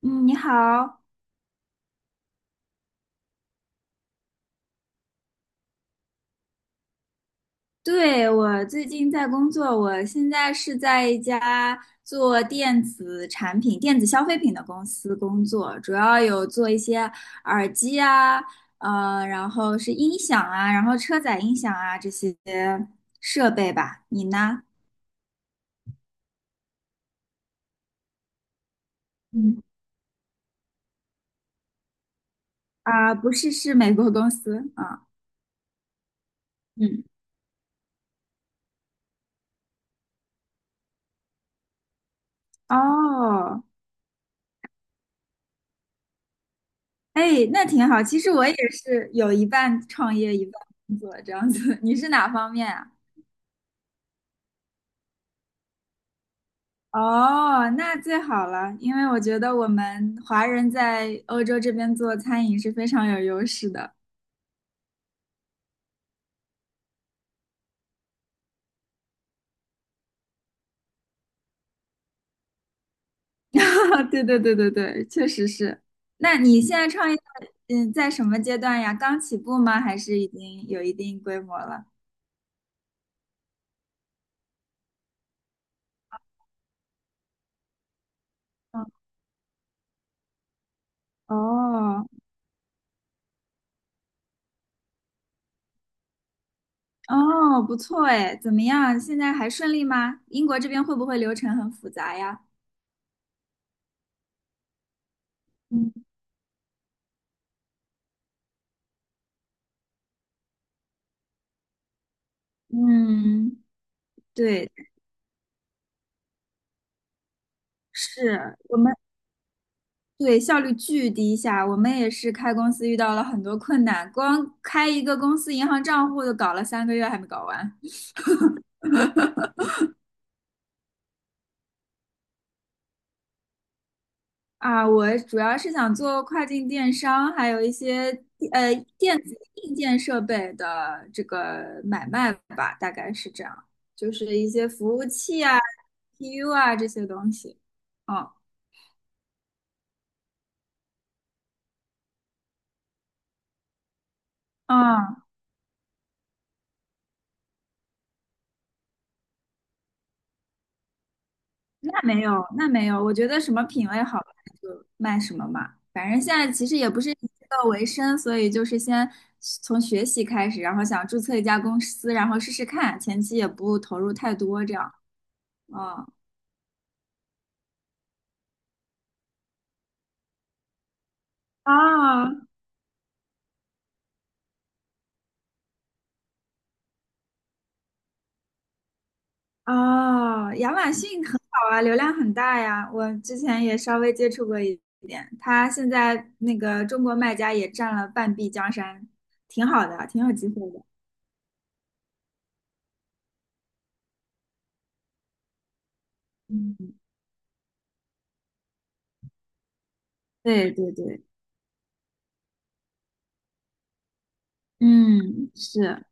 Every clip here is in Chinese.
嗯，你好。对，我最近在工作，我现在是在一家做电子产品、电子消费品的公司工作，主要有做一些耳机啊，然后是音响啊，然后车载音响啊这些设备吧。你呢？嗯啊，不是，是美国公司啊。嗯，哦，哎，那挺好。其实我也是有一半创业，一半工作这样子。你是哪方面啊？哦，那最好了，因为我觉得我们华人在欧洲这边做餐饮是非常有优势的。对对对对对，确实是。那你现在创业，嗯，在什么阶段呀？刚起步吗？还是已经有一定规模了？哦哦，不错哎，怎么样？现在还顺利吗？英国这边会不会流程很复杂呀？嗯，嗯对，是我们。对，效率巨低下。我们也是开公司遇到了很多困难，光开一个公司银行账户就搞了3个月还没搞完啊！我主要是想做跨境电商，还有一些电子硬件设备的这个买卖吧，大概是这样，就是一些服务器啊、PU 啊这些东西。嗯嗯，那没有，那没有，我觉得什么品味好看就卖什么嘛。反正现在其实也不是以这个为生，所以就是先从学习开始，然后想注册一家公司，然后试试看，前期也不投入太多，这样。嗯，啊啊，亚马逊很好啊，流量很大呀。我之前也稍微接触过一点，它现在那个中国卖家也占了半壁江山，挺好的，挺有机会的。嗯，对对对，嗯，是。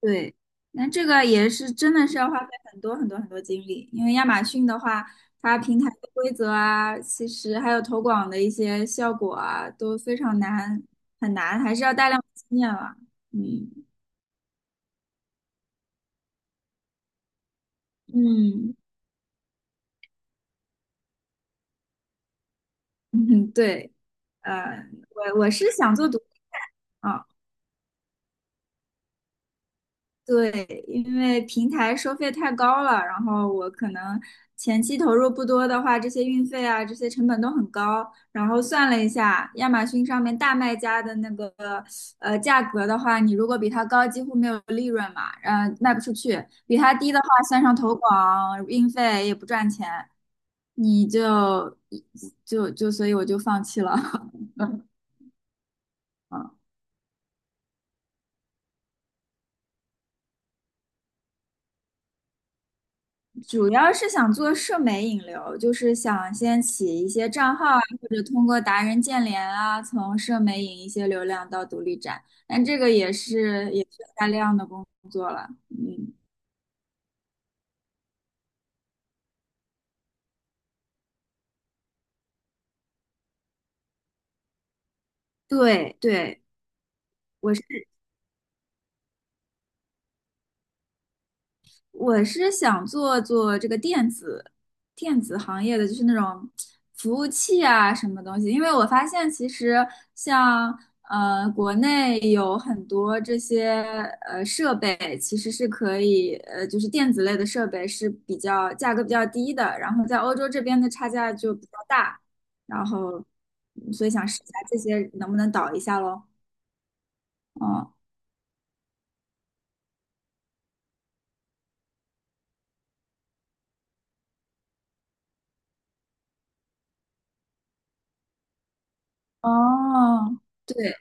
对，那这个也是真的是要花费很多很多很多精力，因为亚马逊的话，它平台的规则啊，其实还有投广的一些效果啊，都非常难，很难，还是要大量经验了。嗯嗯嗯，对，我是想做独立啊。对，因为平台收费太高了，然后我可能前期投入不多的话，这些运费啊，这些成本都很高。然后算了一下，亚马逊上面大卖家的那个价格的话，你如果比它高，几乎没有利润嘛，卖不出去；比它低的话，算上投广、运费也不赚钱，你就所以我就放弃了。嗯主要是想做社媒引流，就是想先起一些账号啊，或者通过达人建联啊，从社媒引一些流量到独立站。但这个也是大量的工作了。嗯，对对，我是。我是想做做这个电子行业的，就是那种服务器啊什么东西，因为我发现其实像国内有很多这些设备，其实是可以就是电子类的设备是比较价格比较低的，然后在欧洲这边的差价就比较大，然后嗯所以想试一下这些能不能导一下咯。哦哦，对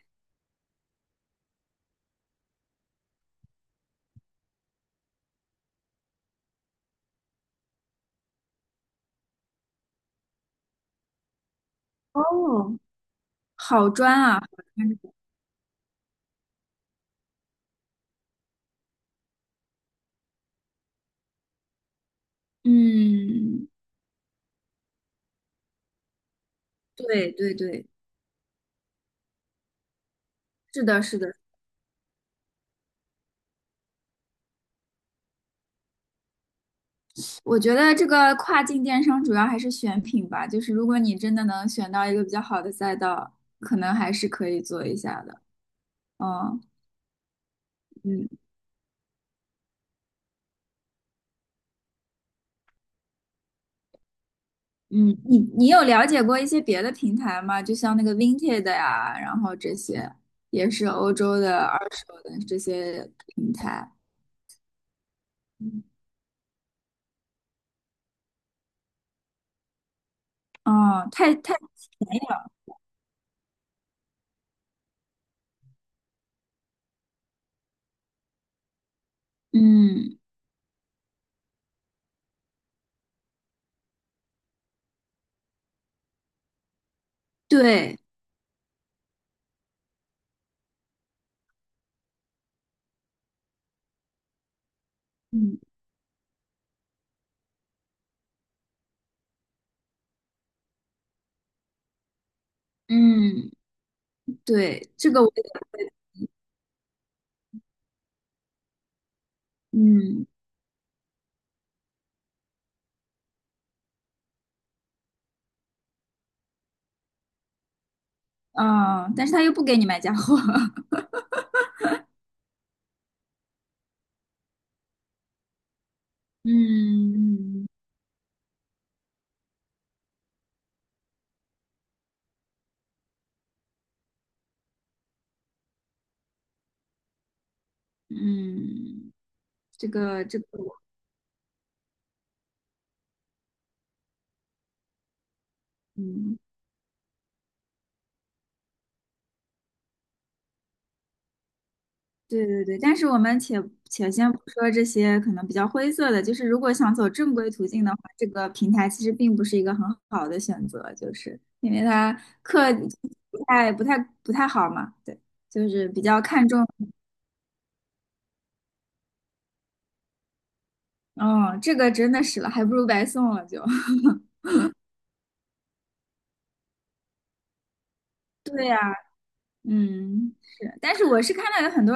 哦，好专啊！嗯，对对对，是的，是的，我觉得这个跨境电商主要还是选品吧，就是如果你真的能选到一个比较好的赛道，可能还是可以做一下的。嗯嗯。嗯，你你有了解过一些别的平台吗？就像那个 Vinted 呀，然后这些也是欧洲的二手的这些平台。嗯，哦，太太，嗯，对，嗯嗯，对，这个我，嗯。嗯，但是他又不给你买假货。嗯嗯，这个这个我，嗯，对对对，但是我们且先不说这些可能比较灰色的，就是如果想走正规途径的话，这个平台其实并不是一个很好的选择，就是因为它客不太不太不太好嘛，对，就是比较看重，嗯，这个真的是了，还不如白送了就。对呀、嗯，是，但是我是看到有很多，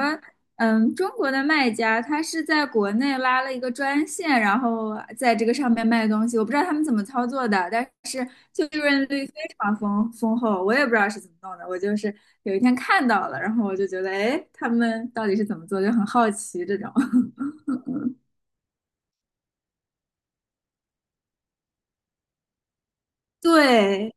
嗯，中国的卖家，他是在国内拉了一个专线，然后在这个上面卖东西，我不知道他们怎么操作的，但是就利润率非常丰厚，我也不知道是怎么弄的，我就是有一天看到了，然后我就觉得，哎，他们到底是怎么做，就很好奇这种。对，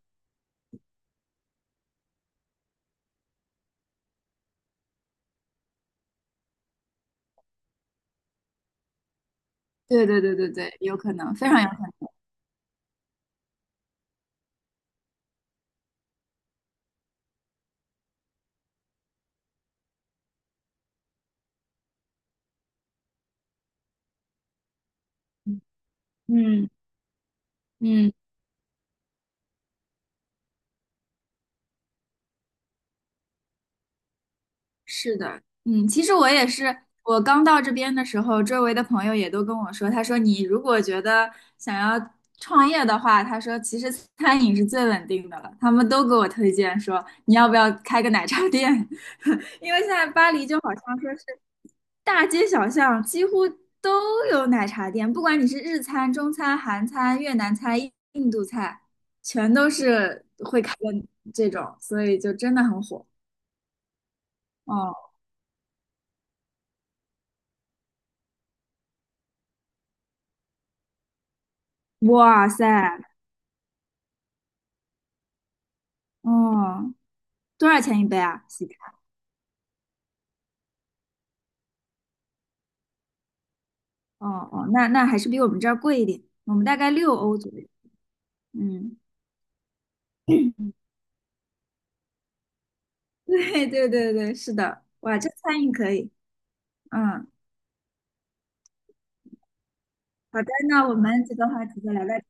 对对对对对，有可能，非常有可能。嗯嗯。是的，嗯，其实我也是，我刚到这边的时候，周围的朋友也都跟我说，他说你如果觉得想要创业的话，他说其实餐饮是最稳定的了，他们都给我推荐说你要不要开个奶茶店，因为现在巴黎就好像说是大街小巷几乎都有奶茶店，不管你是日餐、中餐、韩餐、越南菜、印度菜，全都是会开的这种，所以就真的很火。哦，哇塞！哦，多少钱一杯啊？西餐？哦哦，那那还是比我们这儿贵一点，我们大概6欧左右。嗯，对对对对，是的。哇，这餐饮可以。嗯，好的，那我们这个话题就聊到这儿。